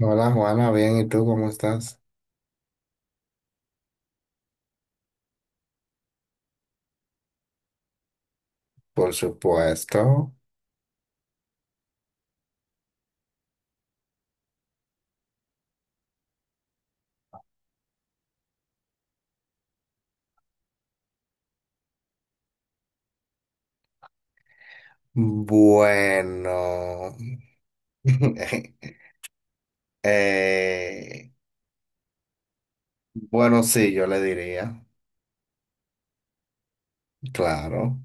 Hola Juana, bien, ¿y tú cómo estás? Por supuesto. Bueno. eh, bueno, sí, yo le diría, claro.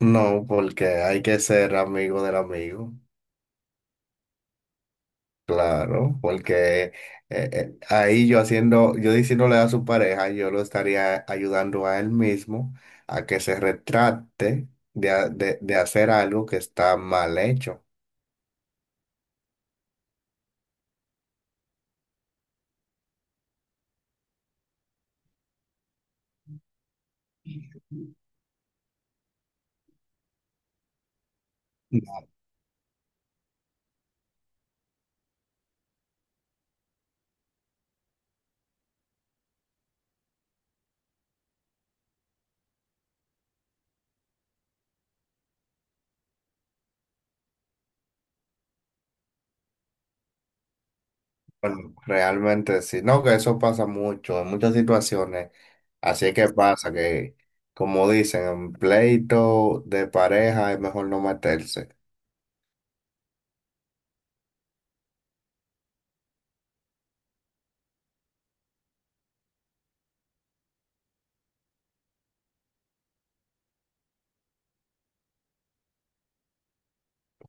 No, porque hay que ser amigo del amigo, claro, porque ahí yo haciendo, yo diciéndole a su pareja, yo lo estaría ayudando a él mismo a que se retrate de, de hacer algo que está mal hecho. Bueno, realmente sí, no, que eso pasa mucho, en muchas situaciones, así es que pasa que, como dicen, en pleito de pareja es mejor no meterse.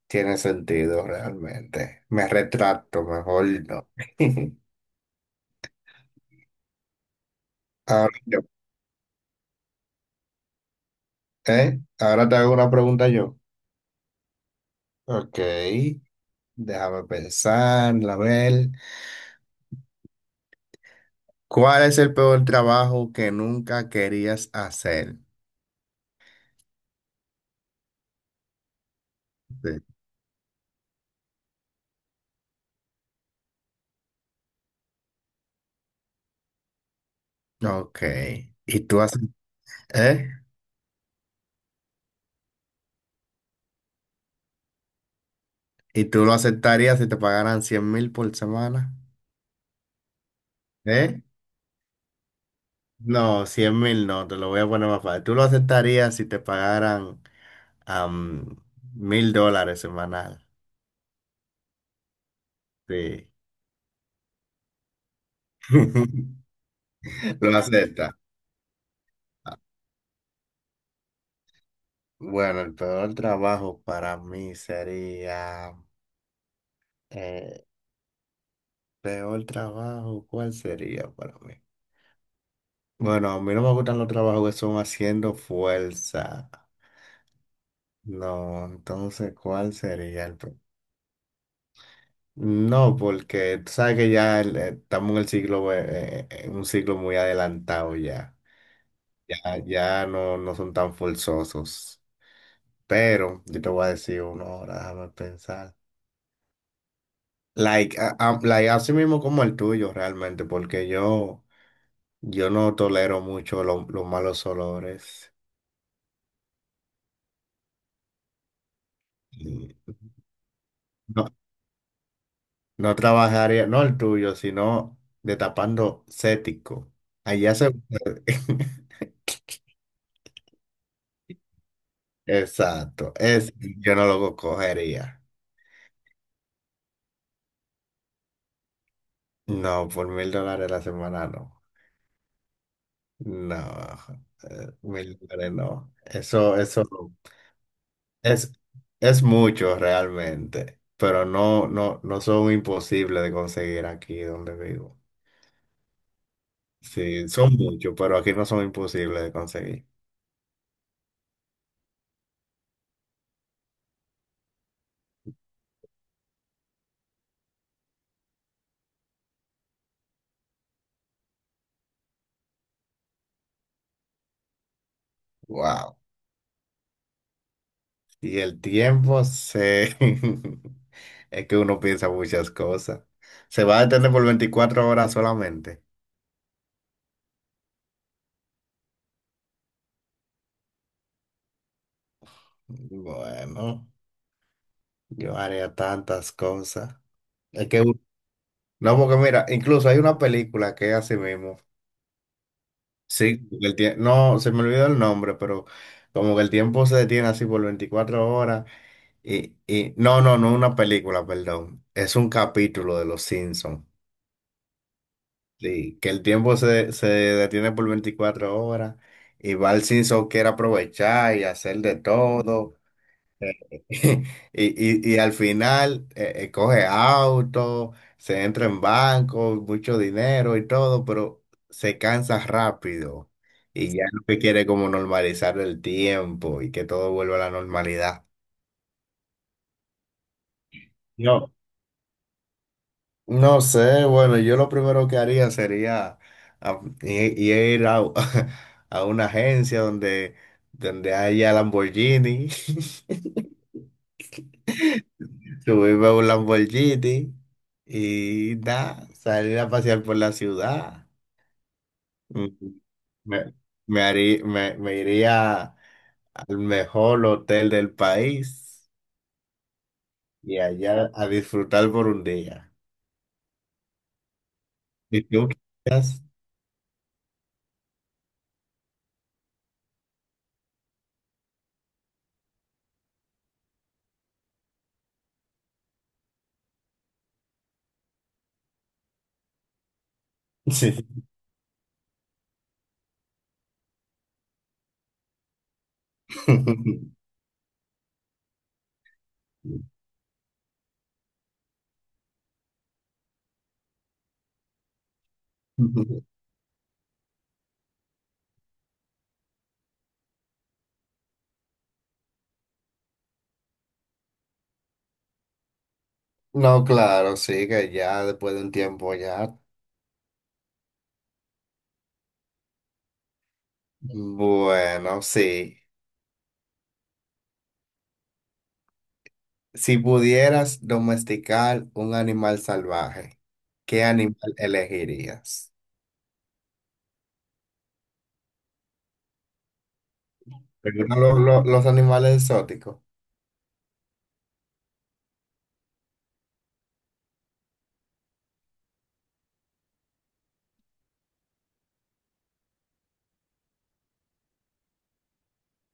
Tiene sentido realmente, me retracto, mejor no. Ahora, yo- ¿eh? Ahora te hago una pregunta yo, ok, déjame pensar, a ver, ¿cuál es el peor trabajo que nunca querías hacer? Sí. Ok, ¿y tú haces, eh? ¿Y tú lo aceptarías si te pagaran 100.000 por semana? ¿Eh? No, 100.000 no, te lo voy a poner más fácil. ¿Tú lo aceptarías si te pagaran 1.000 dólares semanal? Sí. ¿Lo aceptas? Bueno, el peor trabajo para mí sería... eh, ¿peor trabajo? ¿Cuál sería para mí? Bueno, a mí no me gustan los trabajos que son haciendo fuerza. No, entonces, ¿cuál sería el peor? No, porque tú sabes que ya estamos en el siglo, en un siglo muy adelantado ya. Ya, ya no, no son tan forzosos. Pero yo te voy a decir uno ahora, déjame pensar. Like, like, así mismo como el tuyo realmente, porque yo no tolero mucho los malos olores. Y no, no trabajaría, no el tuyo, sino destapando cético. Allá se... Exacto, es, yo no lo cogería. No, por 1.000 dólares la semana no. No, 1.000 dólares no. Eso es, es mucho realmente, pero no, no, no son imposibles de conseguir aquí donde vivo. Sí, son muchos, pero aquí no son imposibles de conseguir. Wow. Y el tiempo se... Es que uno piensa muchas cosas. Se va a detener por 24 horas solamente. Bueno. Yo haría tantas cosas. Es que, no, porque mira, incluso hay una película que es así mismo. Sí, porque no, se me olvidó el nombre, pero como que el tiempo se detiene así por 24 horas. Y no, no, no una película, perdón. Es un capítulo de Los Simpsons. Sí, que el tiempo se, se detiene por 24 horas y va el Simpson quiere aprovechar y hacer de todo. Eh, y al final coge auto, se entra en banco, mucho dinero y todo, pero se cansa rápido y ya lo que quiere es como normalizar el tiempo y que todo vuelva a la normalidad. No, no sé, bueno, yo lo primero que haría sería ir a, a una agencia donde, donde haya Lamborghini. Subirme a un Lamborghini y nada, salir a pasear por la ciudad. Mm, Me, me iría al mejor hotel del país y allá a disfrutar por un día. ¿Y tú? Sí. No, claro, sí, que ya después de un tiempo ya. Bueno, sí. Si pudieras domesticar un animal salvaje, ¿qué animal elegirías? Algunos los animales exóticos.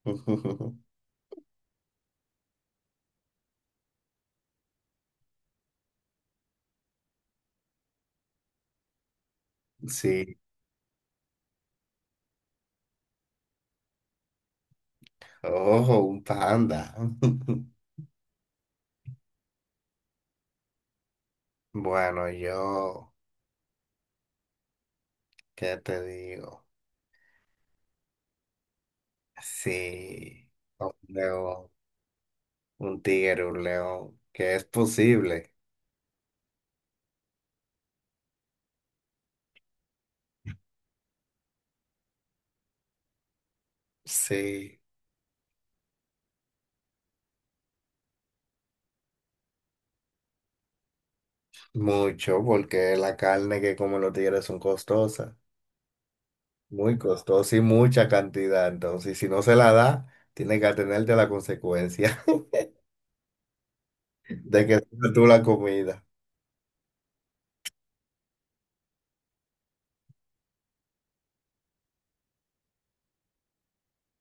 Sí. Ojo, un panda. Bueno, yo, ¿qué te digo? Sí, un león, un tigre, un león, que es posible. Sí, mucho, porque la carne que comen los tigres son costosas, muy costosa y mucha cantidad. Entonces, si no se la da, tienes que atenerte a la consecuencia de que tengas tú la comida.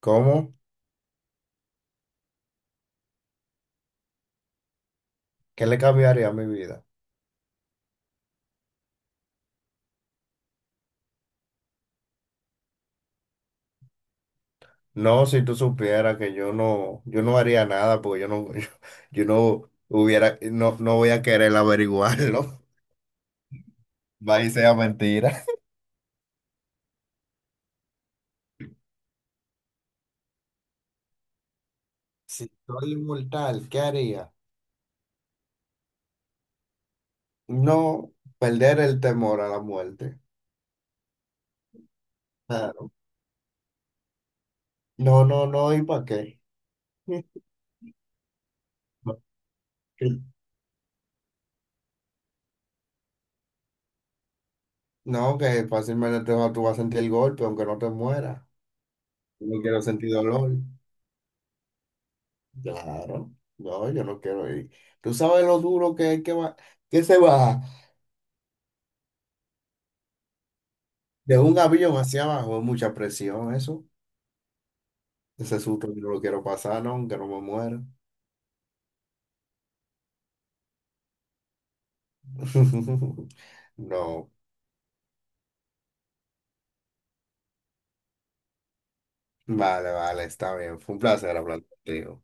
¿Cómo? ¿Qué le cambiaría a mi vida? No, si tú supieras que yo no, yo no haría nada porque yo no, yo no hubiera, no, no voy a querer averiguarlo. Va y sea mentira. Si soy inmortal, ¿qué haría? No perder el temor a la muerte. Claro. No, no, no, ¿y para qué? Que- No, que fácilmente tú vas a sentir el golpe aunque no te mueras. Yo no quiero sentir dolor. Claro. No, yo no quiero ir. ¿Tú sabes lo duro que es que va, que se va? De un avión hacia abajo es mucha presión eso. Ese susto yo no lo quiero pasar, no, que no me muera. No, vale, vale, está bien. Fue un placer hablar contigo.